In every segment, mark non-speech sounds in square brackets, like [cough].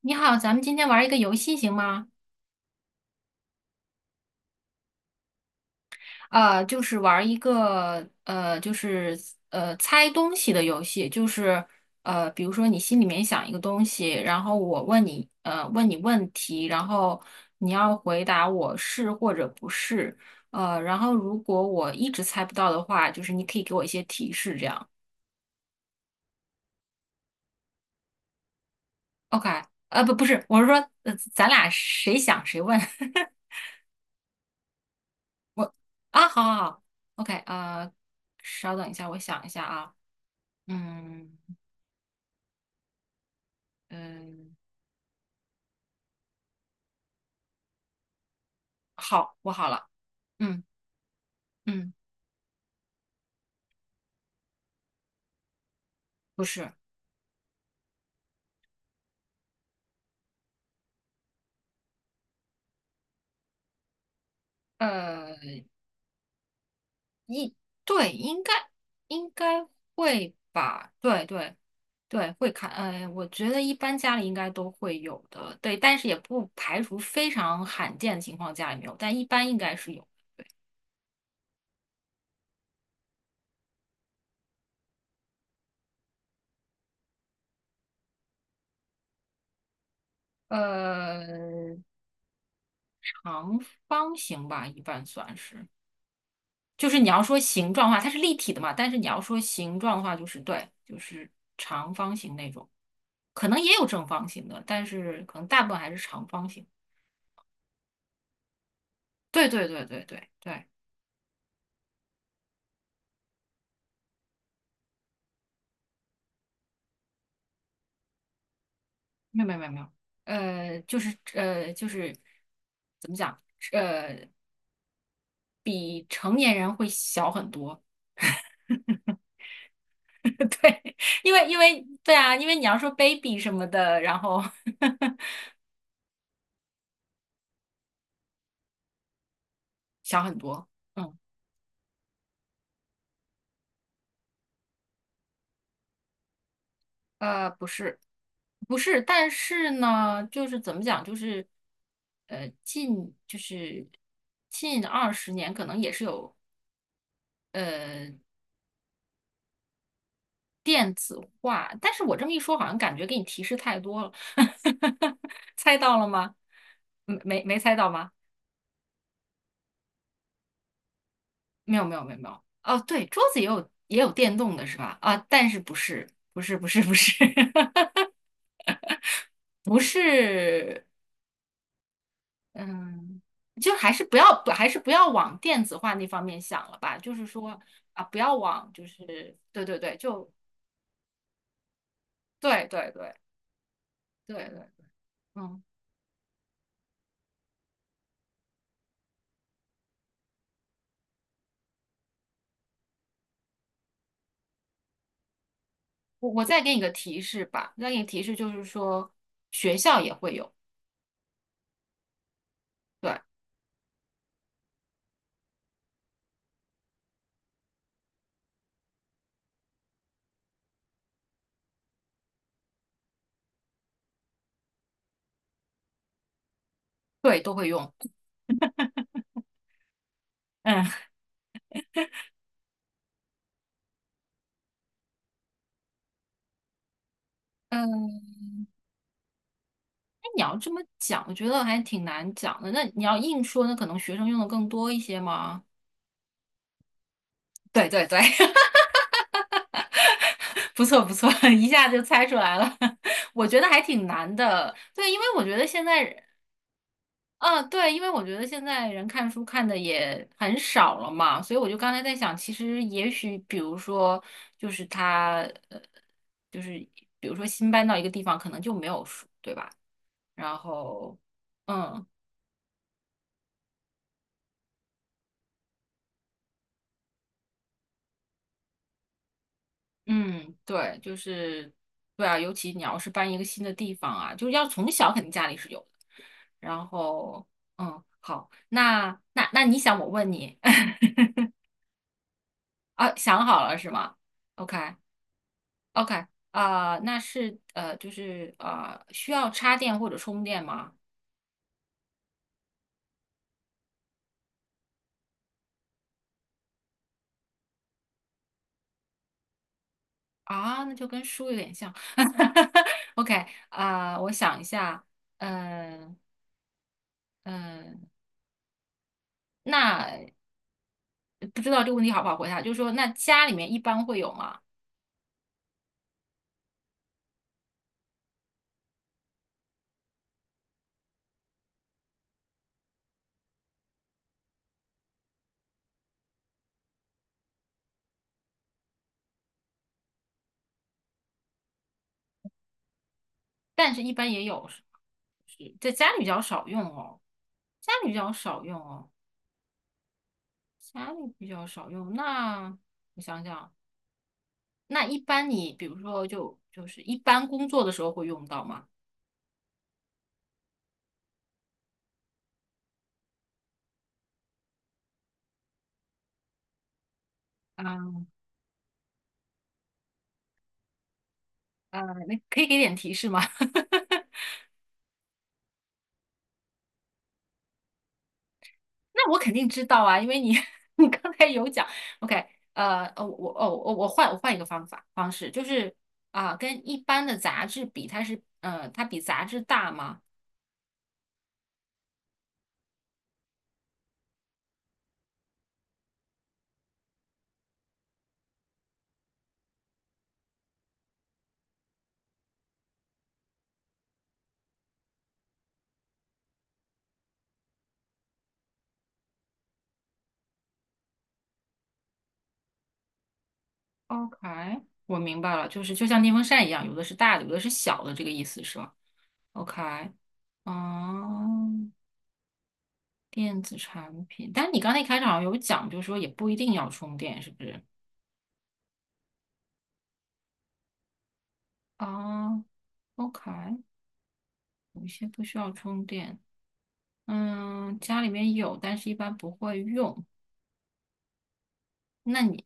你好，咱们今天玩一个游戏行吗？就是玩一个就是猜东西的游戏，就是比如说你心里面想一个东西，然后我问你问你问题，然后你要回答我是或者不是，然后如果我一直猜不到的话，就是你可以给我一些提示，这样。OK，不是，我是说，咱俩谁想谁问。[laughs] 我啊，好好好，OK，稍等一下，我想一下啊。嗯嗯，好，我好了。嗯嗯，不是，呃，一对，应该应该会吧？对对对，会看。我觉得一般家里应该都会有的，对，但是也不排除非常罕见的情况家里没有，但一般应该是有。呃，长方形吧，一般算是。就是你要说形状的话，它是立体的嘛，但是你要说形状的话，就是对，就是长方形那种。可能也有正方形的，但是可能大部分还是长方形。对对对对对对，没有没有没有没有就是怎么讲，呃，比成年人会小很多，[laughs] 对，因为对啊，因为你要说 baby 什么的，然后 [laughs] 小很多，嗯，不是不是，但是呢，就是怎么讲，就是呃近就是近20年可能也是有。呃。电子化，但是我这么一说，好像感觉给你提示太多了，[laughs] 猜到了吗？没猜到吗？没有没有没有没有。哦，对，桌子也有也有电动的是吧？啊，但是不是 [laughs] 不是，嗯，就还是不要不还是不要往电子化那方面想了吧，就是说啊，不要往就是对对对，就对对对对对，嗯。我再给你个提示吧，再给你提示就是说，学校也会有，对对，都会用。嗯嗯，那你要这么讲，我觉得还挺难讲的。那你要硬说，那可能学生用的更多一些吗？对对对，[laughs] 不错不错，一下就猜出来了。[laughs] 我觉得还挺难的，对，因为我觉得现在啊，对，因为我觉得现在人看书看的也很少了嘛，所以我就刚才在想，其实也许，比如说，就是他，呃，就是比如说新搬到一个地方，可能就没有书，对吧？然后，嗯嗯，对，就是对啊，尤其你要是搬一个新的地方啊，就是要从小肯定家里是有的。然后，嗯，好，那你想我问你 [laughs] 啊，想好了是吗？OK。OK，啊、那是需要插电或者充电吗？啊，那就跟书有点像。[laughs] OK，啊、我想一下，嗯、嗯、那不知道这个问题好不好回答，就是说，那家里面一般会有吗？但是一般也有，是是在家里比较少用哦，家里比较少用哦，家里比较少用。那我想想啊，那一般你比如说就是一般工作的时候会用到吗？啊。啊，那可以给点提示吗？[laughs] 那我肯定知道啊，因为你 [laughs] 你刚才有讲，OK，呃，哦，我哦我我换我换一个方法方式，就是啊、跟一般的杂志比，它是它比杂志大吗？OK，我明白了，就是就像电风扇一样，有的是大的，有的是小的，这个意思是吧？OK，哦电子产品，但是你刚才一开场好像有讲，就是说也不一定要充电，是不是？啊 o k 有一些不需要充电。嗯，家里面有，但是一般不会用。那你，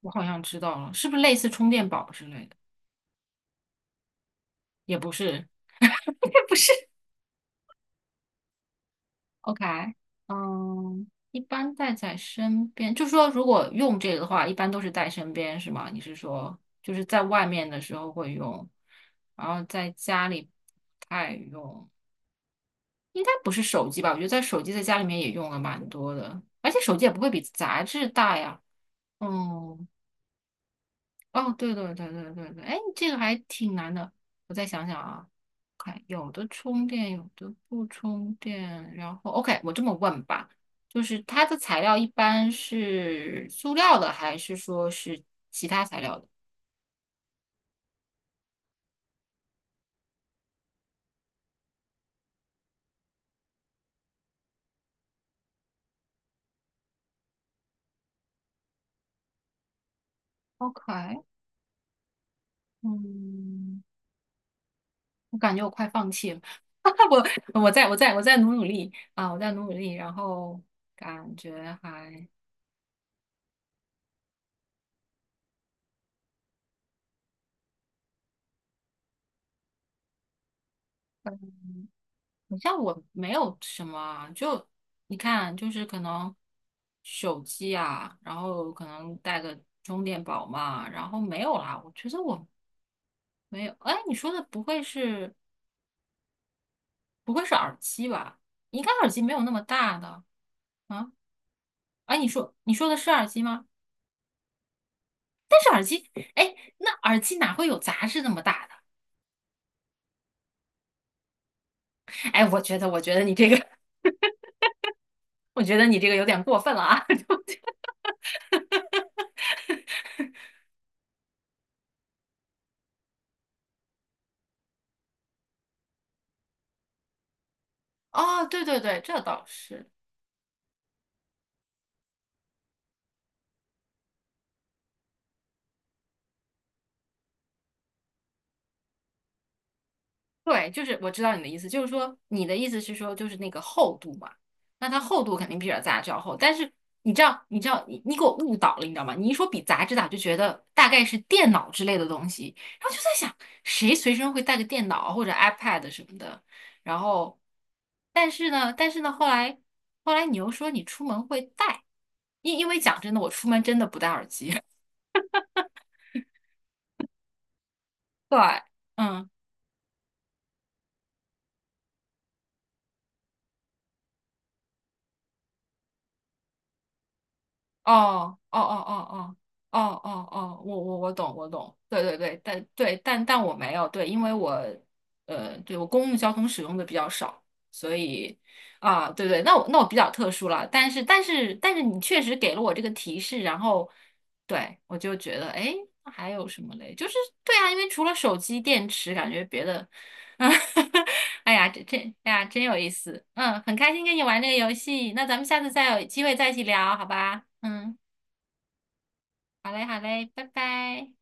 我好像知道了，是不是类似充电宝之类的？也不是。[laughs] 也不是，OK，嗯，一般带在身边，就说如果用这个的话，一般都是带身边，是吗？你是说就是在外面的时候会用，然后在家里不太用，应该不是手机吧？我觉得在手机在家里面也用了蛮多的，而且手机也不会比杂志大呀。嗯，哦，对对对对对对，哎，这个还挺难的。我再想想啊，看有的充电，有的不充电。然后，OK，我这么问吧，就是它的材料一般是塑料的，还是说是其他材料的？OK，嗯，我感觉我快放弃了。[laughs] 我再努努力啊，我再努努力，然后感觉还。好像我没有什么啊，就你看，就是可能手机啊，然后可能带个充电宝嘛，然后没有啦。我觉得我没有，哎，你说的不会是耳机吧？应该耳机没有那么大的啊。哎，你说的是耳机吗？哎，那耳机哪会有杂志那么大的？哎，我觉得，我觉得你这个，[laughs] 我觉得你这个有点过分了啊。[laughs] 哦，对对对，这倒是。对，就是我知道你的意思，就是说你的意思是说就是那个厚度嘛，那它厚度肯定比杂志要厚，但是你知道，你给我误导了，你知道吗？你一说比杂志大，就觉得大概是电脑之类的东西，然后就在想谁随身会带个电脑或者 iPad 什么的，然后，但是呢，后来后来你又说你出门会带，因为讲真的，我出门真的不戴耳机，[laughs] 对，嗯。哦哦哦哦哦哦哦哦，我懂，对对对，但对但但我没有对，因为我对我公共交通使用的比较少，所以啊，对对，那我比较特殊了，但是你确实给了我这个提示，然后对我就觉得哎，那还有什么嘞？就是对啊，因为除了手机电池，感觉别的，[laughs] 哎呀，哎呀，真有意思，嗯，很开心跟你玩这个游戏，那咱们下次再有机会再一起聊，好吧？嗯。好嘞，好嘞，拜拜。